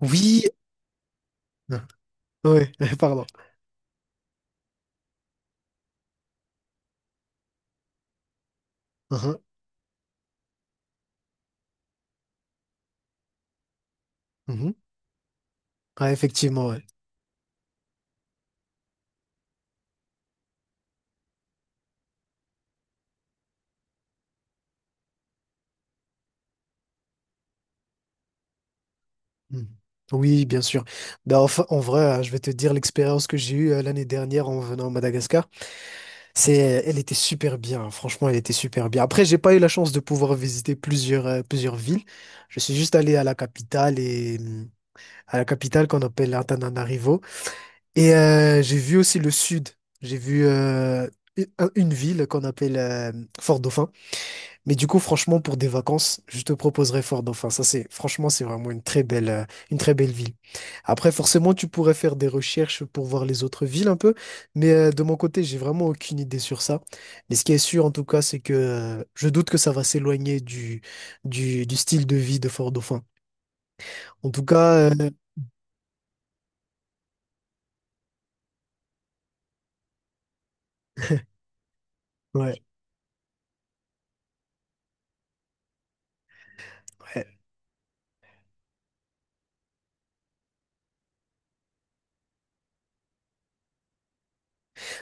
Oui, oui, pardon. Mhm, mhm. Ouais, effectivement, ouais. Mhm. Oui, bien sûr. Ben, enfin, en vrai, je vais te dire l'expérience que j'ai eue l'année dernière en venant à Madagascar. Elle était super bien, hein. Franchement, elle était super bien. Après, j'ai pas eu la chance de pouvoir visiter plusieurs villes. Je suis juste allé à la capitale qu'on appelle Antananarivo. Et j'ai vu aussi le sud. J'ai vu une une ville qu'on appelle Fort-Dauphin. Mais du coup, franchement, pour des vacances, je te proposerais Fort Dauphin. Ça, c'est, franchement, c'est vraiment une très belle ville. Après, forcément, tu pourrais faire des recherches pour voir les autres villes un peu, mais de mon côté, j'ai vraiment aucune idée sur ça. Mais ce qui est sûr, en tout cas, c'est que je doute que ça va s'éloigner du style de vie de Fort Dauphin. En tout cas, ouais, ouais.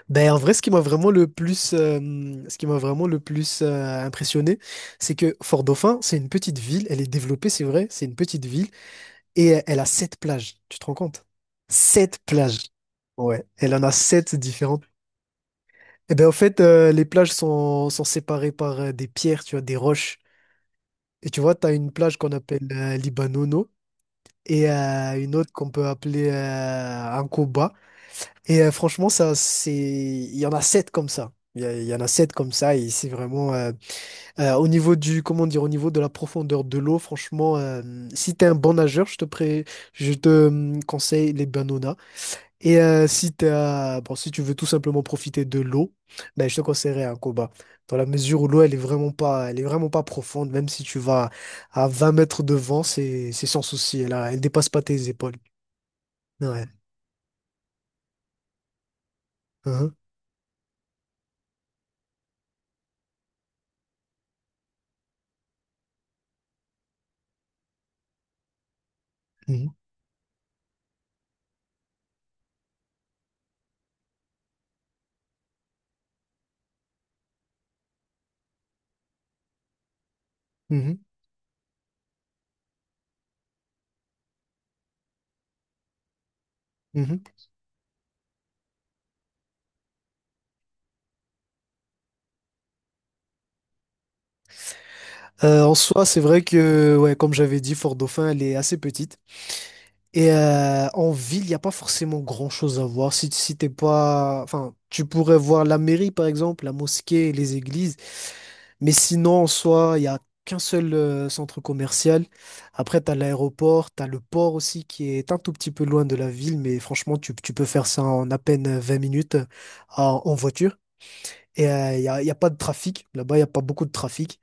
Ben, en vrai, ce qui m'a vraiment le plus impressionné, c'est que Fort Dauphin, c'est une petite ville. Elle est développée, c'est vrai, c'est une petite ville. Et elle a sept plages, tu te rends compte? Sept plages. Ouais, elle en a sept différentes. Et ben en fait, les plages sont séparées par des pierres, tu vois, des roches. Et tu vois, tu as une plage qu'on appelle Libanono et une autre qu'on peut appeler Ankoba. Et franchement, ça, c'est... Il y en a sept comme ça. Il y en a sept comme ça et c'est vraiment au niveau du, comment dire, au niveau de la profondeur de l'eau, franchement, si t'es un bon nageur je te conseille les. Et si t'as- bon, si tu veux tout simplement profiter de l'eau, ben, je te conseillerais un combat. Dans la mesure où l'eau, elle est vraiment pas, elle est vraiment pas profonde, même si tu vas à 20 mètres de vent, c'est sans souci. Elle dépasse pas tes épaules. Ouais. Hein, hein, mhm, mhm, mhm. En soi, c'est vrai que, ouais, comme j'avais dit, Fort Dauphin, elle est assez petite. Et en ville, il n'y a pas forcément grand-chose à voir. Si t'es pas... Enfin, tu pourrais voir la mairie, par exemple, la mosquée, les églises. Mais sinon, en soi, il n'y a qu'un seul centre commercial. Après, tu as l'aéroport, tu as le port aussi qui est un tout petit peu loin de la ville. Mais franchement, tu peux faire ça en à peine 20 minutes en voiture. Et il n'y a, y a pas de trafic. Là-bas, il n'y a pas beaucoup de trafic.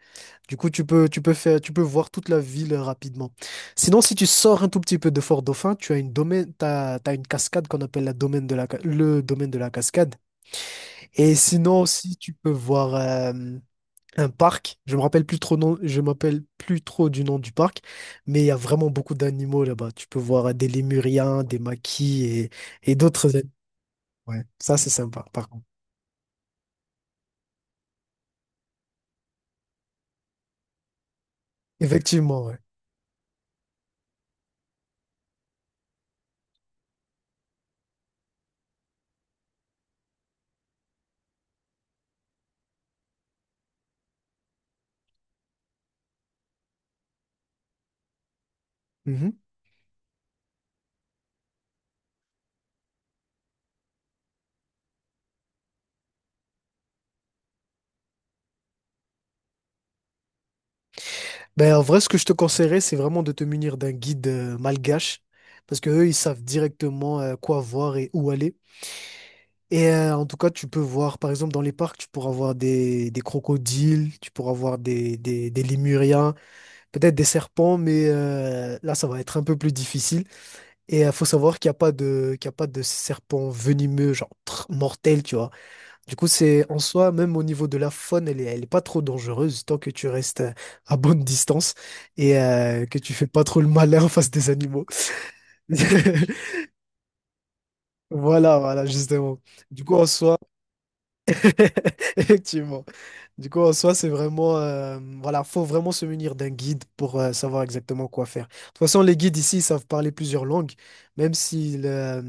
Du coup, tu peux voir toute la ville rapidement. Sinon, si tu sors un tout petit peu de Fort-Dauphin, tu as une domaine, t'as une cascade qu'on appelle la domaine de la, ca- le domaine de la cascade. Et sinon aussi, tu peux voir un parc. Je m'appelle plus trop du nom du parc, mais il y a vraiment beaucoup d'animaux là-bas. Tu peux voir des lémuriens, des maquis et d'autres. Ouais, ça c'est sympa par contre. Effectivement, ouais. Mhm. Ben, en vrai, ce que je te conseillerais, c'est vraiment de te munir d'un guide malgache, parce que eux, ils savent directement quoi voir et où aller. Et en tout cas, tu peux voir, par exemple, dans les parcs, tu pourras voir des crocodiles, tu pourras voir des lémuriens, peut-être des serpents, mais là, ça va être un peu plus difficile. Et il faut savoir qu'il n'y a pas de, qu'il y a pas de serpents venimeux, genre mortels, tu vois. Du coup, c'est en soi, même au niveau de la faune, elle est pas trop dangereuse tant que tu restes à bonne distance et que tu fais pas trop le malin en face des animaux. Voilà, voilà, justement. Du coup, en soi. Effectivement. Du coup, en soi, c'est vraiment, voilà, faut vraiment se munir d'un guide pour savoir exactement quoi faire. De toute façon, les guides ici ils savent parler plusieurs langues, même si le, euh,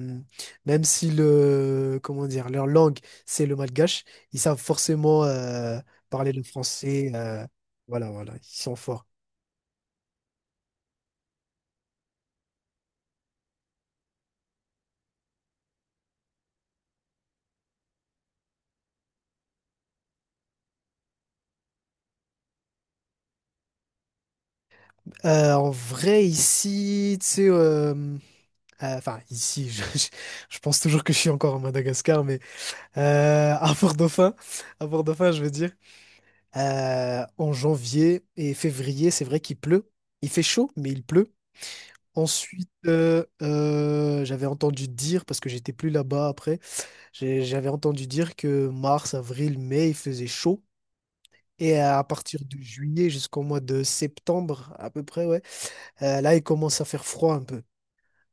même si le, comment dire, leur langue, c'est le malgache, ils savent forcément parler le français. Voilà, voilà, ils sont forts. En vrai, ici, tu sais, enfin, ici, je pense toujours que je suis encore à Madagascar, mais euh, à Port-Dauphin, à Port-Dauphin, je veux dire. En janvier et février, c'est vrai qu'il pleut. Il fait chaud, mais il pleut. Ensuite, j'avais entendu dire, parce que j'étais plus là-bas après, j'avais entendu dire que mars, avril, mai, il faisait chaud. Et à partir de juillet jusqu'au mois de septembre, à peu près, ouais, là, il commence à faire froid un peu.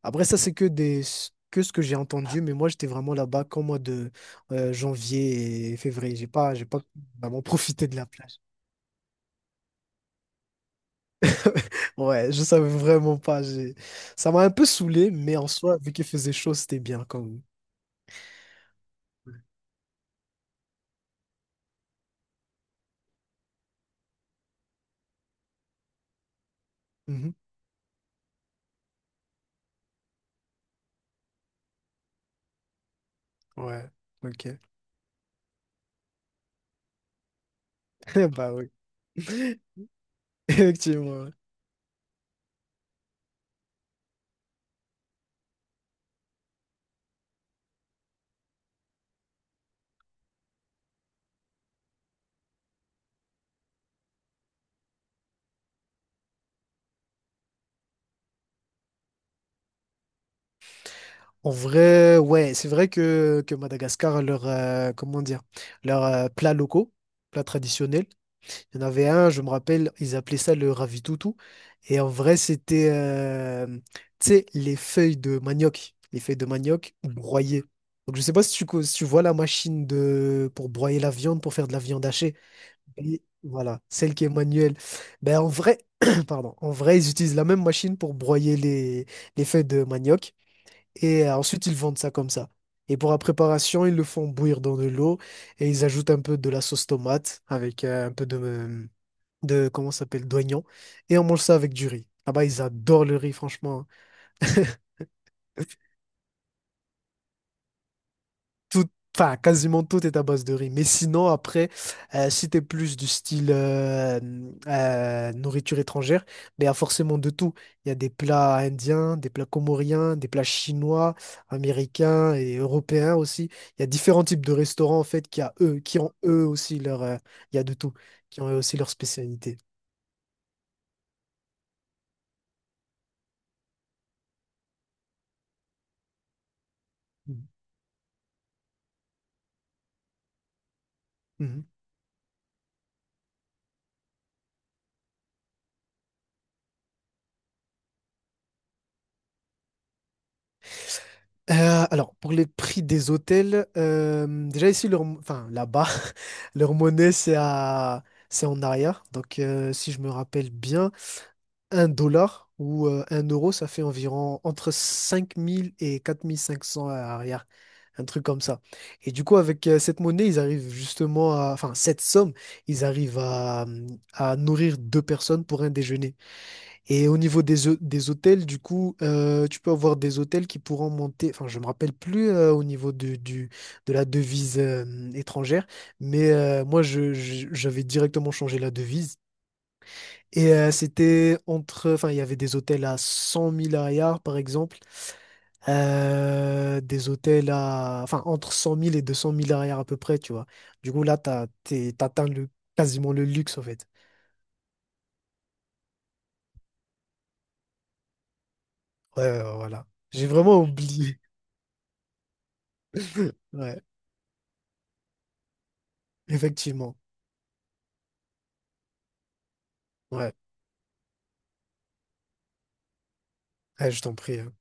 Après, ça, c'est que ce que j'ai entendu, mais moi, j'étais vraiment là-bas qu'au mois de janvier et février. J'ai pas vraiment profité de la plage. Ouais, je savais vraiment pas. Ça m'a un peu saoulé, mais en soi, vu qu'il faisait chaud, c'était bien quand même. Mhm. Ouais, ok. Bah oui. Effectivement, ouais. En vrai, ouais, c'est vrai que Madagascar, leur, comment dire, leurs plats locaux, plats traditionnels. Il y en avait un, je me rappelle, ils appelaient ça le ravitoutou. Et en vrai, c'était, tu sais, les feuilles de manioc, les feuilles de manioc broyées. Donc, je sais pas si si tu vois la machine pour broyer la viande, pour faire de la viande hachée. Et voilà, celle qui est manuelle. Ben, en vrai, pardon, en vrai, ils utilisent la même machine pour broyer les feuilles de manioc. Et ensuite, ils vendent ça comme ça. Et pour la préparation, ils le font bouillir dans de l'eau et ils ajoutent un peu de la sauce tomate avec un peu de, comment ça s'appelle, d'oignons, et on mange ça avec du riz. Là-bas, ils adorent le riz, franchement. Tout, enfin, quasiment tout est à base de riz. Mais sinon, après, si t'es plus du style nourriture étrangère, mais il y a forcément de tout. Il y a des plats indiens, des plats comoriens, des plats chinois, américains et européens aussi. Il y a différents types de restaurants, en fait, qui ont eux aussi leur, il y a de tout, qui ont eux aussi leur spécialité. Mhm. Alors, pour les prix des hôtels, déjà ici, leur, enfin là-bas, leur monnaie, c'est en arrière. Donc, si je me rappelle bien, un dollar ou un euro, ça fait environ entre 5 000 et 4 500 à arrière. Un truc comme ça. Et du coup, avec cette monnaie, ils arrivent justement à, enfin, cette somme, ils arrivent à nourrir deux personnes pour un déjeuner. Et au niveau des, des hôtels, du coup, tu peux avoir des hôtels qui pourront monter, enfin je me rappelle plus au niveau de la devise étrangère, mais moi je, j'avais directement changé la devise. Et c'était entre, enfin il y avait des hôtels à 100 000 arrières par exemple, des hôtels à, enfin entre 100 000 et 200 000 arrières à peu près, tu vois. Du coup là, t'atteins le, quasiment le luxe en fait. Ouais, ouais, voilà. J'ai vraiment oublié. Ouais, effectivement. Ouais. Ah, je t'en prie, hein.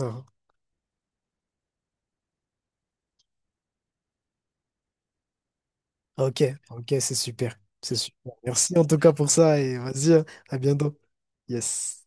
Ah, ah, ok, ok, c'est super. C'est super. Merci en tout cas pour ça et vas-y, hein, à bientôt. Yes.